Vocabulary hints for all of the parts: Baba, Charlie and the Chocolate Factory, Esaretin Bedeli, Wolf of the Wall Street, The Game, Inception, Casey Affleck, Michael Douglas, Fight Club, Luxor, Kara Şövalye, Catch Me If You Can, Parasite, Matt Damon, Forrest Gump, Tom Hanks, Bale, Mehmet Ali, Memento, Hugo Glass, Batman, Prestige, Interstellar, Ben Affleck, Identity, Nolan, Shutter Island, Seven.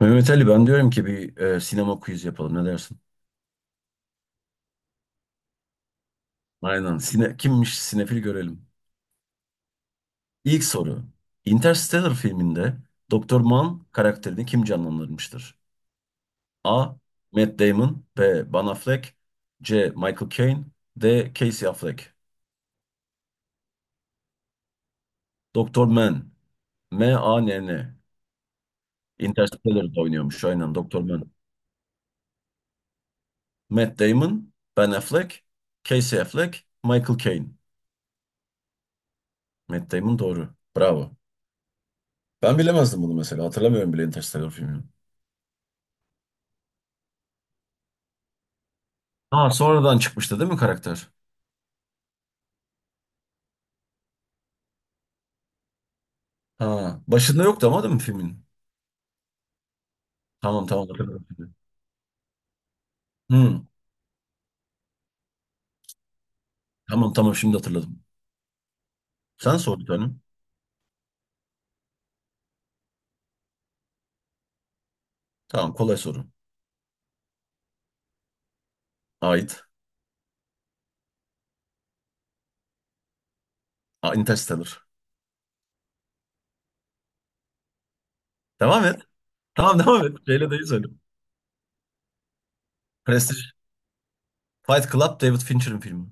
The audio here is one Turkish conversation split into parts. Mehmet Ali, ben diyorum ki bir sinema quiz yapalım, ne dersin? Aynen. Kimmiş sinefil görelim. İlk soru. Interstellar filminde Doktor Mann karakterini kim canlandırmıştır? A. Matt Damon. B. Ben Affleck. C. Michael Caine. D. Casey Affleck. Doktor Mann. M-A-N-N. Interstellar'da oynuyormuş aynen Doktor Mann. Matt Damon, Ben Affleck, Casey Affleck, Michael Caine. Matt Damon doğru. Bravo. Ben bilemezdim bunu mesela. Hatırlamıyorum bile Interstellar filmini. Ha, sonradan çıkmıştı değil mi karakter? Ha, başında yoktu ama değil mi filmin? Tamam tamam, hatırladım şimdi. Hmm. Tamam tamam, şimdi hatırladım. Sen sor bir tane. Tamam, kolay soru. Ait. Aa, Interstellar. Devam et. Tamam, devam et. Şeyle de iyi söyle. Prestige. Fight Club David Fincher'ın filmi.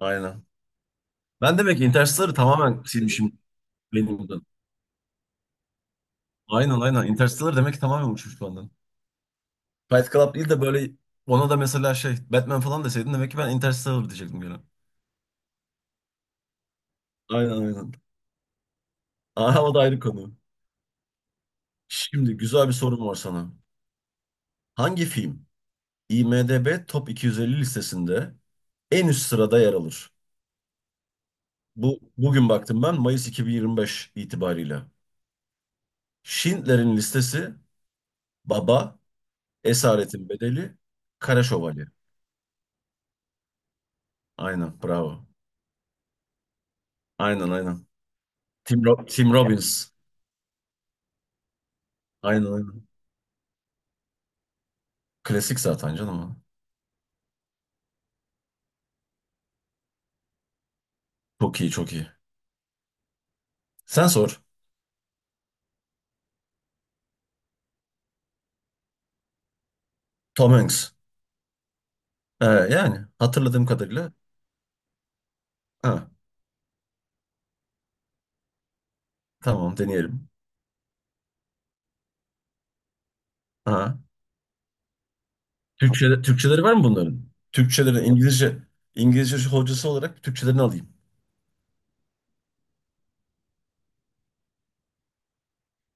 Aynen. Ben demek ki Interstellar'ı tamamen silmişim beynimden. Aynen aynen. Interstellar demek ki tamamen uçmuş benden. Fight Club değil de böyle, ona da mesela şey Batman falan deseydin demek ki ben Interstellar diyecektim gene. Aynen aynen. Aa, o da ayrı konu. Şimdi güzel bir sorum var sana. Hangi film IMDb Top 250 listesinde en üst sırada yer alır? Bu bugün baktım ben, Mayıs 2025 itibariyle. Schindler'in listesi, Baba, Esaretin Bedeli, Kara Şövalye. Aynen, bravo. Aynen aynen. Tim Robbins. Aynen aynen. Klasik zaten canım o. Çok iyi çok iyi. Sen sor. Tom Hanks. Yani hatırladığım kadarıyla. Ha, tamam deneyelim. Ha. Türkçeleri var mı bunların? Türkçelerin İngilizce hocası olarak Türkçelerini alayım.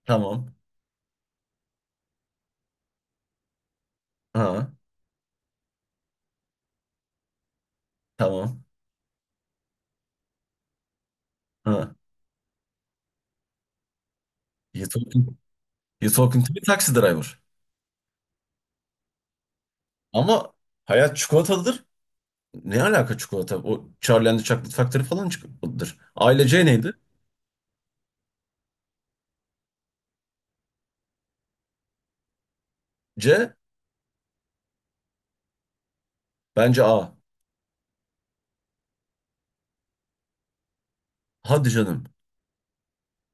Tamam. Ha. Tamam. Ha. You're talking, you're talking to a taxi driver. Ama hayat çikolatalıdır. Ne alaka çikolata? O Charlie and the Chocolate Factory falan çikolatalıdır. Aile C neydi? C bence A. Hadi canım.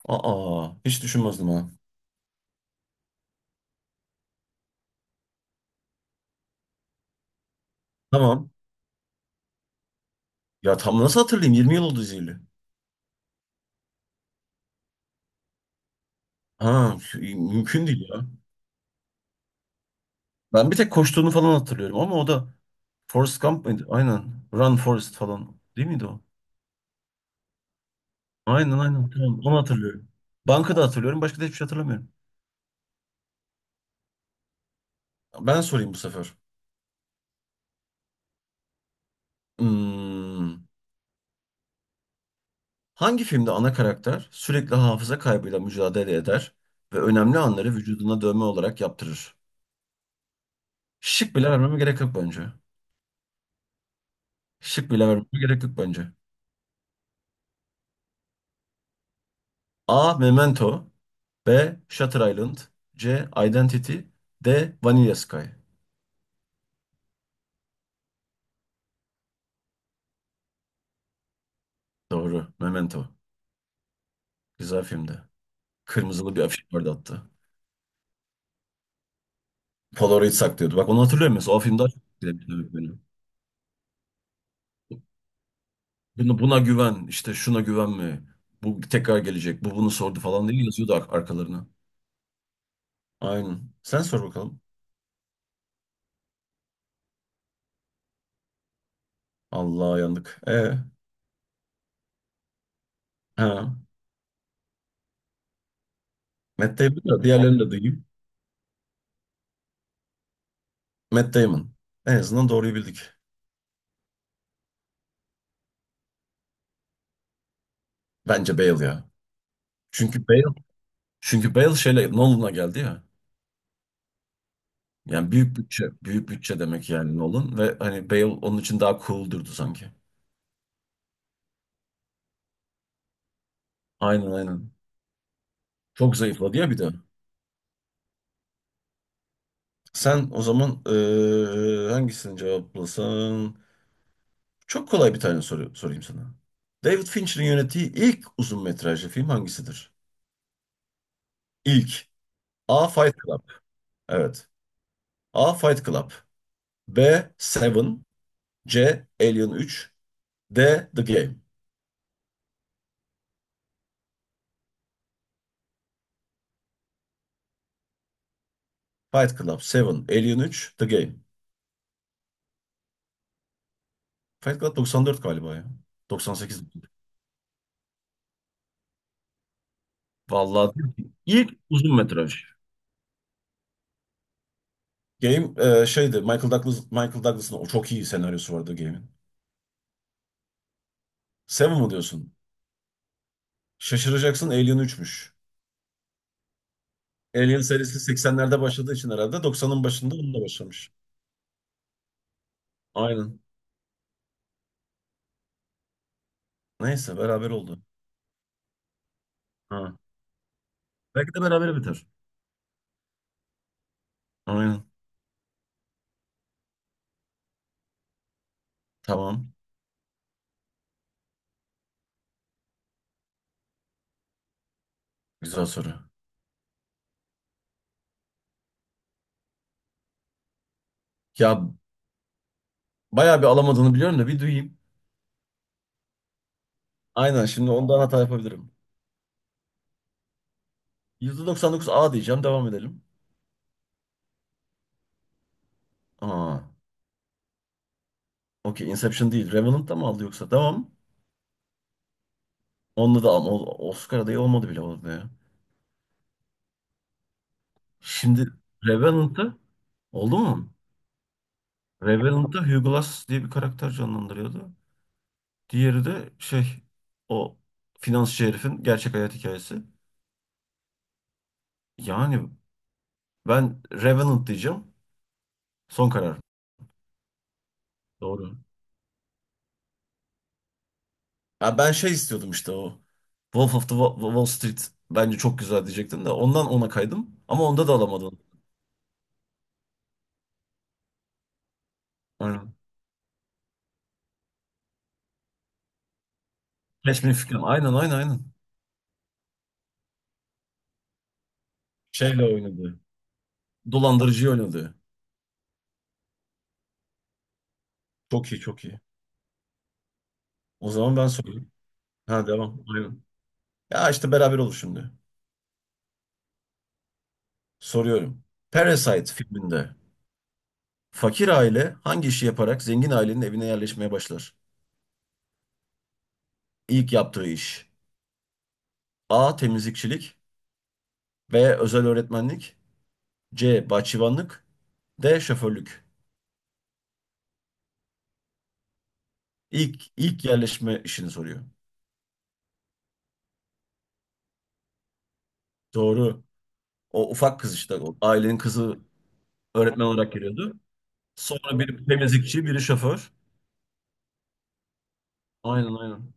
Aa, hiç düşünmezdim ha. Tamam. Ya tam nasıl hatırlayayım? 20 yıl oldu izleyeli. Ha, mümkün değil ya. Ben bir tek koştuğunu falan hatırlıyorum ama o da Forrest Gump mıydı? Aynen. Run Forrest falan. Değil miydi o? Aynen aynen. Tamam, onu hatırlıyorum. Bankada hatırlıyorum. Başka da hiçbir şey hatırlamıyorum. Ben sorayım bu sefer. Hmm. Hangi filmde ana karakter sürekli hafıza kaybıyla mücadele eder ve önemli anları vücuduna dövme olarak yaptırır? Şık bile vermeme gerek yok bence. Şık bile vermeme gerek yok bence. A. Memento. B. Shutter Island. C. Identity. D. Vanilla Sky. Doğru. Memento. Güzel filmdi. Kırmızılı bir afiş vardı hatta. Polaroid saklıyordu. Bak, onu hatırlıyorum mesela. O film daha çok etkilemişti beni. Buna güven, işte şuna güvenme. Bu tekrar gelecek. Bu bunu sordu falan diye yazıyordu arkalarına. Aynen. Sen sor bakalım. Allah yandık. Ha. Matt Damon da, diğerlerini de duyayım. Matt Damon. En azından doğruyu bildik. Bence Bale ya. Çünkü Bale çünkü Bale şeyle Nolan'a geldi ya. Yani büyük bütçe, büyük bütçe demek yani Nolan ve hani Bale onun için daha cool durdu sanki. Aynen aynen. Çok zayıfladı ya bir de. Sen o zaman hangisini cevaplasan? Çok kolay bir tane soru sorayım sana. David Fincher'ın yönettiği ilk uzun metrajlı film hangisidir? İlk. A. Fight Club. Evet. A. Fight Club. B. Seven. C. Alien 3. D. The Game. Fight Club, Seven, Alien 3, The Game. Fight Club 94 galiba ya. 98. Vallahi diyor ki ilk uzun metraj. Game şeydi, Michael Douglas'ın o çok iyi senaryosu vardı Game'in. Seven mı diyorsun? Şaşıracaksın, Alien 3'müş. Alien serisi 80'lerde başladığı için herhalde 90'ın başında onunla başlamış. Aynen. Neyse beraber oldu. Ha. Belki de beraber biter. Aynen. Tamam. Güzel soru. Ya bayağı bir alamadığını biliyorum da bir duyayım. Aynen, şimdi ondan hata yapabilirim. %99 A diyeceğim. Devam edelim. Aa. Okey, Inception değil. Revenant da mı aldı yoksa? Tamam. Onunla da ama Oscar adayı olmadı bile orada ya. Şimdi Revenant'ı oldu mu? Revenant'ta Hugo Glass diye bir karakter canlandırıyordu. Diğeri de şey, o finansçı herifin gerçek hayat hikayesi. Yani ben Revenant diyeceğim. Son karar. Doğru. Ya ben şey istiyordum işte o. Wolf of the Wall Street bence çok güzel diyecektim de ondan ona kaydım. Ama onda da alamadım. Aynen. Catch Me If You Can. Aynen aynen aynen. Şeyle oynadı. Dolandırıcıyı oynadı. Çok iyi çok iyi. O zaman ben sorayım. Ha, devam. Aynen. Ya işte beraber olur şimdi. Soruyorum. Parasite filminde fakir aile hangi işi yaparak zengin ailenin evine yerleşmeye başlar? İlk yaptığı iş. A. Temizlikçilik. B. Özel öğretmenlik. C. Bahçıvanlık. D. Şoförlük. İlk yerleşme işini soruyor. Doğru. O ufak kız işte, o ailenin kızı öğretmen olarak geliyordu. Sonra biri temizlikçi, biri şoför. Aynen aynen.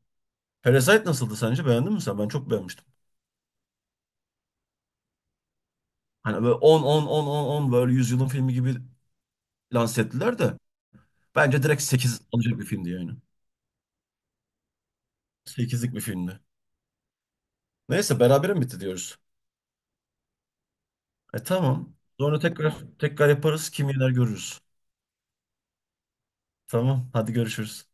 Parasite nasıldı sence? Beğendin mi sen? Ben çok beğenmiştim. Hani böyle 10 10 10 10 10 böyle 100 yılın filmi gibi lanse ettiler de. Bence direkt 8 alacak bir filmdi yani. Sekizlik bir filmdi. Neyse, berabere mi bitti diyoruz? Tamam. Sonra tekrar tekrar yaparız. Kim yener görürüz. Tamam. Hadi görüşürüz.